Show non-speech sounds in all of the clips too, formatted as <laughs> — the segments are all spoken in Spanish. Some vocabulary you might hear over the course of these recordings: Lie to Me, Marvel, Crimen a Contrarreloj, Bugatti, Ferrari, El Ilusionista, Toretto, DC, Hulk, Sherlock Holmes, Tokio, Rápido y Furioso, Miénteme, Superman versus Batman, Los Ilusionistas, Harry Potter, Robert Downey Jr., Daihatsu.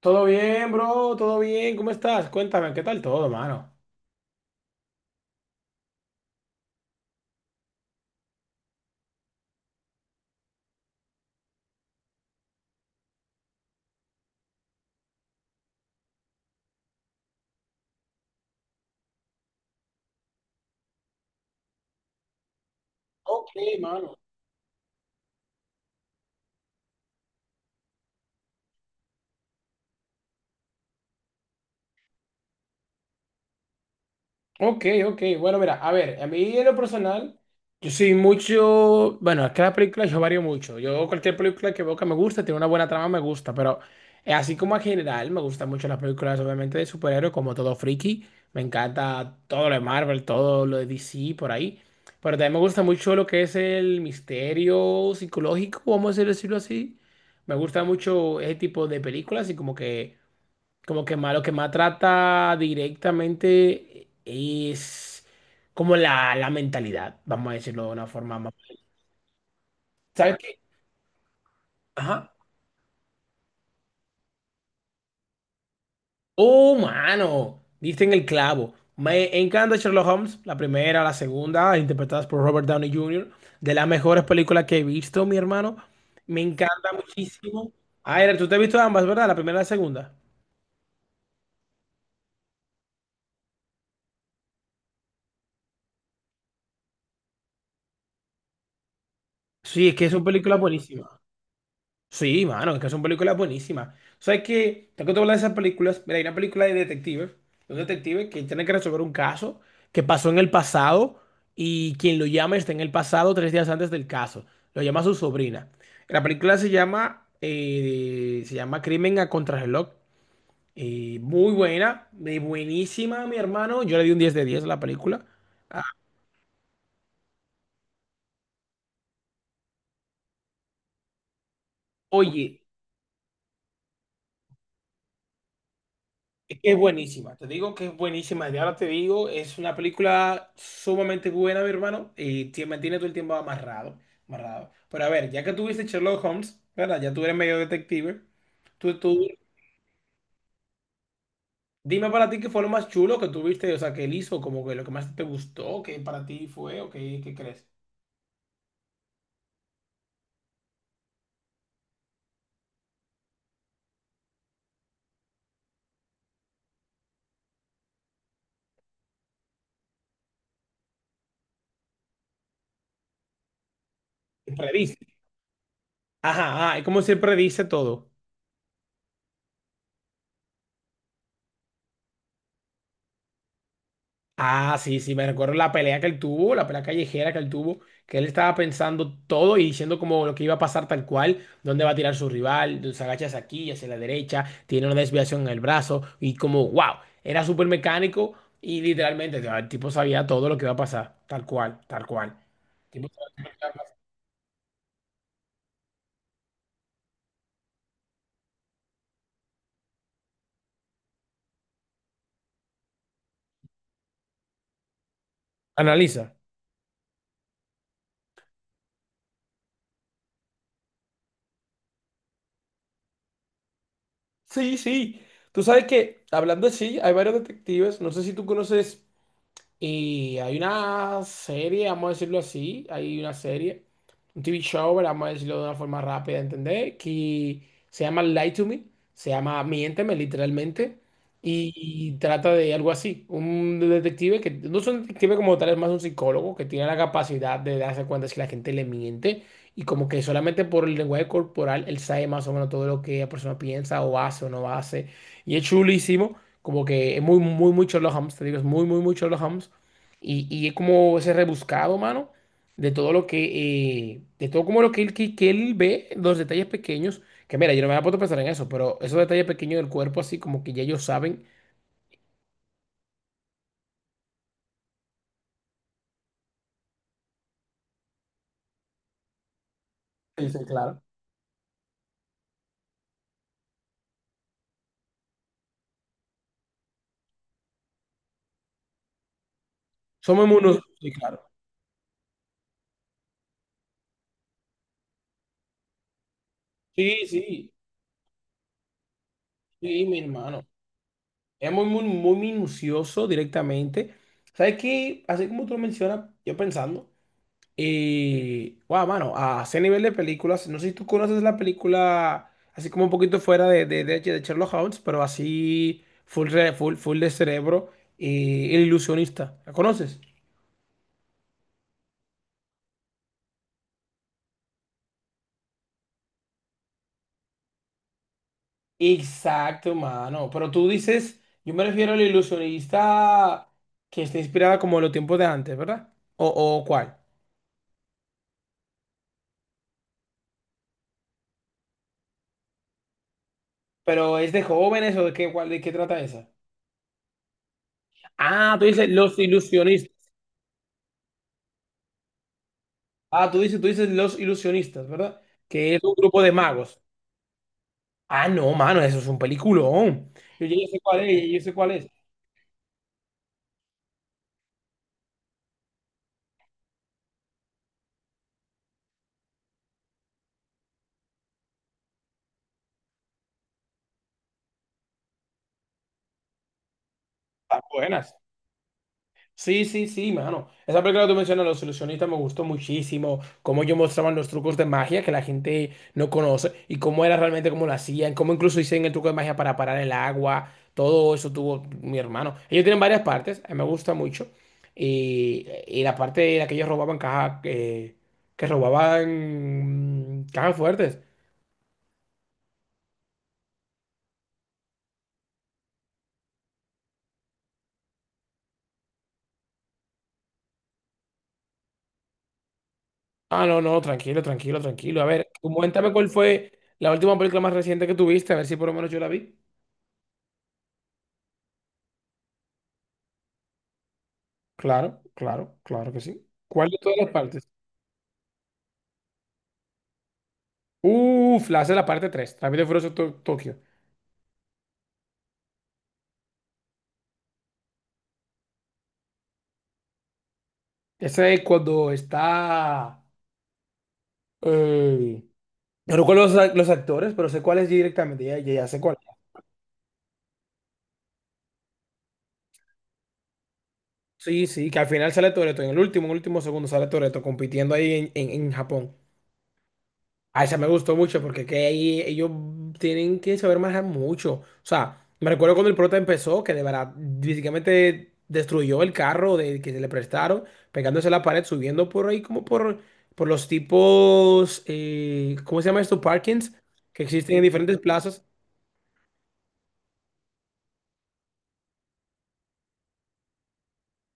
Todo bien, bro, todo bien. ¿Cómo estás? Cuéntame, ¿qué tal todo, mano? Ok, mano. Ok, ok. Bueno, mira, a ver, a mí en lo personal, yo soy mucho. Bueno, es que las películas yo varío mucho. Yo, cualquier película que veo que me gusta, tiene una buena trama, me gusta. Pero así como en general, me gustan mucho las películas, obviamente, de superhéroes, como todo friki. Me encanta todo lo de Marvel, todo lo de DC, por ahí. Pero también me gusta mucho lo que es el misterio psicológico, vamos a decirlo así. Me gusta mucho ese tipo de películas y como que. Como que más, lo que más trata directamente es como la mentalidad, vamos a decirlo de una forma más. ¿Sabes qué? Ajá. Oh, mano, diste en el clavo. Me encanta Sherlock Holmes, la primera, la segunda, interpretadas por Robert Downey Jr., de las mejores películas que he visto, mi hermano. Me encanta muchísimo. Aire, tú te has visto ambas, ¿verdad? La primera y la segunda. Sí, es que son películas buenísimas. Sí, mano, es que son películas buenísimas. ¿Sabes qué? Tengo que hablar de esas películas. Mira, hay una película de detectives, de un detective que tiene que resolver un caso que pasó en el pasado y quien lo llama está en el pasado 3 días antes del caso. Lo llama su sobrina. La película se llama Crimen a Contrarreloj. Muy buena, buenísima, mi hermano. Yo le di un 10 de 10 a la película. Ah, oye. Es que es buenísima, te digo que es buenísima. Y ahora te digo, es una película sumamente buena, mi hermano, y te mantiene todo el tiempo amarrado, amarrado. Pero a ver, ya que tuviste Sherlock Holmes, ¿verdad? Ya tú eres medio detective. Tú, dime para ti qué fue lo más chulo que tuviste, o sea, que él hizo, como que lo que más te gustó, que para ti fue, o qué crees. Predice. Ajá, ajá, es como se predice todo. Ah, sí, sí, me recuerdo la pelea que él tuvo, la pelea callejera que él tuvo, que él estaba pensando todo y diciendo como lo que iba a pasar tal cual, dónde va a tirar su rival, se agachas aquí, hacia la derecha, tiene una desviación en el brazo y como, wow, era súper mecánico y literalmente el tipo sabía todo lo que iba a pasar, tal cual, tal cual. El tipo <laughs> sabía todo lo que iba a pasar. Analiza. Sí, sí. Tú sabes que, hablando así, hay varios detectives, no sé si tú conoces. Y hay una serie, vamos a decirlo así, hay una serie, un TV show, ¿verdad? Vamos a decirlo de una forma rápida de entender, que se llama Lie to Me, se llama Miénteme literalmente, y trata de algo así, un detective que no es un detective como tal, es más un psicólogo que tiene la capacidad de darse cuenta si la gente le miente y como que solamente por el lenguaje corporal él sabe más o menos todo lo que la persona piensa o hace o no hace, y es chulísimo. Como que es muy, muy, muy Sherlock Holmes, te digo, es muy, muy, muy Sherlock Holmes. Y es como ese rebuscado, mano, de todo lo que, de todo como lo que él, que él ve, los detalles pequeños, que mira, yo no me había puesto a pensar en eso, pero esos detalles pequeños del cuerpo, así como que ya ellos saben. Sí, sí, claro. Sí, claro. Sí, sí, sí, mi hermano. Es muy, muy, muy minucioso directamente. ¿Sabes qué? Así como tú lo mencionas, yo pensando. Y, wow, mano, a ese nivel de películas, no sé si tú conoces la película, así como un poquito fuera de Sherlock Holmes, pero así full, full, full de cerebro y El Ilusionista. ¿La conoces? Exacto, mano. Pero tú dices, yo me refiero al ilusionista que está inspirada como en los tiempos de antes, ¿verdad? ¿O cuál? ¿Pero es de jóvenes o de qué, cuál, de qué trata esa? Ah, tú dices los ilusionistas. Ah, tú dices los ilusionistas, ¿verdad? Que es un grupo de magos. Ah, no, mano, eso es un peliculón. Yo sé cuál es, yo sé cuál es. Las buenas. Sí, sí, sí, mano. Esa película que tú mencionas, Los Ilusionistas, me gustó muchísimo. Cómo ellos mostraban los trucos de magia que la gente no conoce y cómo era realmente cómo lo hacían, cómo incluso hicieron el truco de magia para parar el agua. Todo eso tuvo mi hermano. Ellos tienen varias partes, a mí me gusta mucho. Y la parte en la que ellos robaban caja, que robaban cajas fuertes. Ah, no, no, tranquilo, tranquilo, tranquilo. A ver, coméntame cuál fue la última película más reciente que tuviste, a ver si por lo menos yo la vi. Claro, claro, claro que sí. ¿Cuál de todas las partes? Uf, la hace la parte 3, Rápido y Furioso Tokio. Ese es cuando está. Eh, no recuerdo los actores, pero sé cuál es directamente, ya, ya, ya sé cuál. Sí, sí, que al final sale Toretto, en el último segundo sale Toretto compitiendo ahí en, en Japón. Ah, esa me gustó mucho porque que ahí ellos tienen que saber manejar mucho. O sea, me recuerdo cuando el prota empezó, que de verdad básicamente destruyó el carro de, que se le prestaron, pegándose a la pared, subiendo por ahí como por los tipos, ¿cómo se llama esto? Parkings, que existen en diferentes plazas.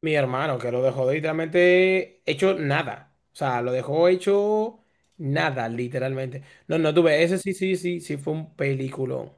Mi hermano, que lo dejó literalmente hecho nada. O sea, lo dejó hecho nada, literalmente. No, no tuve, ese sí, sí, sí, sí fue un peliculón.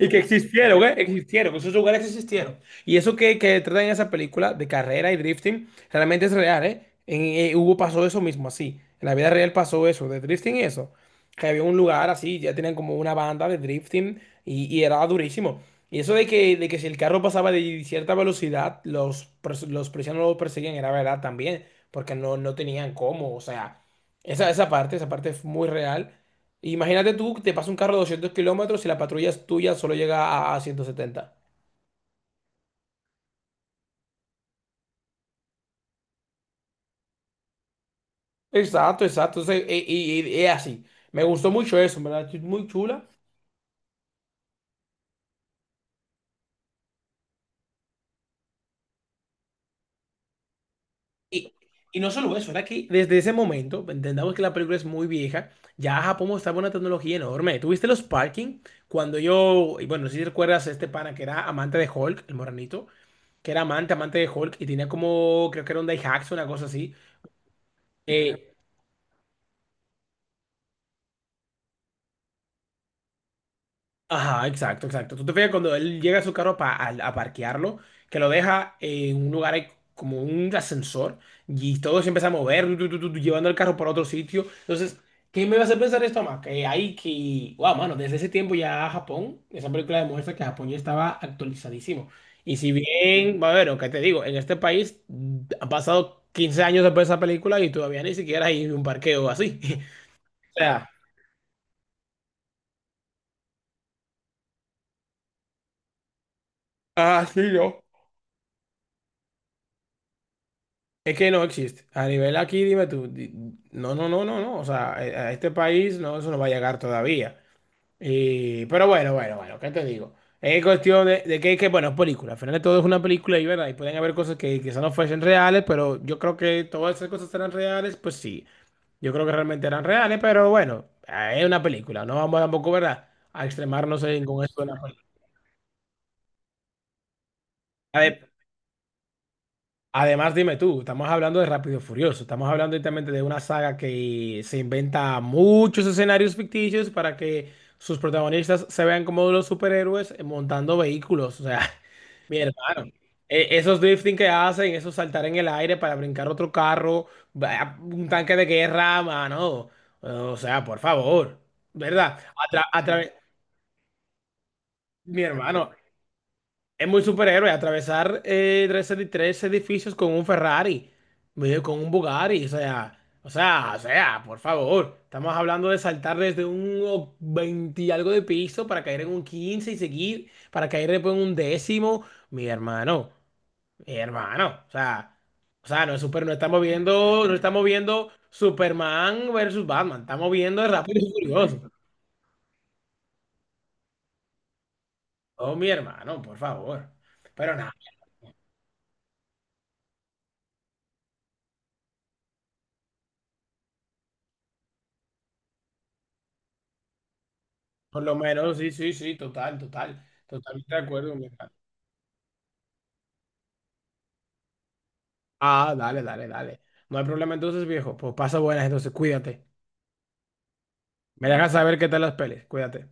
Y que existieron, ¿eh? Existieron, esos lugares existieron. Y eso que, tratan en esa película de carrera y drifting, realmente es real, ¿eh? Hubo, pasó eso mismo, así. En la vida real pasó eso, de drifting y eso. Que había un lugar así, ya tenían como una banda de drifting y era durísimo. Y eso de que si el carro pasaba de cierta velocidad, los policías no lo perseguían, era verdad también, porque no tenían cómo, o sea, esa parte es muy real. Imagínate tú, te pasa un carro de 200 kilómetros y la patrulla es tuya solo llega a 170. Exacto, exacto. Entonces, y es así. Me gustó mucho eso, en ¿verdad? Es muy chula. Y, y no solo eso, era que desde ese momento, entendamos que la película es muy vieja, ya Japón mostraba una tecnología enorme. ¿Tuviste los parking? Cuando yo, y bueno, no sé si recuerdas a este pana que era amante de Hulk, el moranito, que era amante, amante de Hulk, y tenía como, creo que era un Daihatsu, una cosa así. Eh, Ajá, exacto, exacto. Tú te fijas cuando él llega a su carro a parquearlo, que lo deja en un lugar ahí como un ascensor y todo se empieza a mover, tu, llevando el carro para otro sitio. Entonces, ¿qué me va a hacer pensar esto más? Que hay que, wow, mano, desde ese tiempo ya Japón, esa película demuestra que Japón ya estaba actualizadísimo. Y si bien, bueno, ¿qué te digo? En este país han pasado 15 años después de esa película y todavía ni siquiera hay un parqueo así. <laughs> O sea, ah, sí, yo. Es que no existe. A nivel aquí, dime tú, no, no, no, no, no. O sea, a este país no, eso no va a llegar todavía. Y, pero bueno, bueno, bueno, ¿qué te digo? Es cuestión de que, bueno, es película. Al final de todo es una película y, ¿verdad? Y pueden haber cosas que quizás no fuesen reales, pero yo creo que todas esas cosas eran reales, pues sí. Yo creo que realmente eran reales, pero bueno, es una película. No vamos tampoco, ¿verdad? A extremarnos con esto de la película. Además, dime tú, estamos hablando de Rápido y Furioso, estamos hablando directamente de una saga que se inventa muchos escenarios ficticios para que sus protagonistas se vean como los superhéroes montando vehículos. O sea, <laughs> mi hermano, esos drifting que hacen, esos saltar en el aire para brincar otro carro, un tanque de guerra, mano. O sea, por favor, ¿verdad? A tra- a través- mi hermano, es muy superhéroe atravesar tres edificios con un Ferrari, medio con un Bugatti, o sea, o sea, o sea, por favor. Estamos hablando de saltar desde un 20 y algo de piso para caer en un 15 y seguir, para caer después en un décimo. Mi hermano, mi hermano, o sea, no es super, no estamos viendo Superman versus Batman, estamos viendo el Rápido y Furioso. Oh, mi hermano, por favor. Pero nada. Por lo menos, sí, sí, sí, total, total. Totalmente de acuerdo, mi hermano. Ah, dale, dale, dale. No hay problema entonces, viejo. Pues pasa buenas, entonces cuídate. Me dejas saber qué tal las pelis. Cuídate.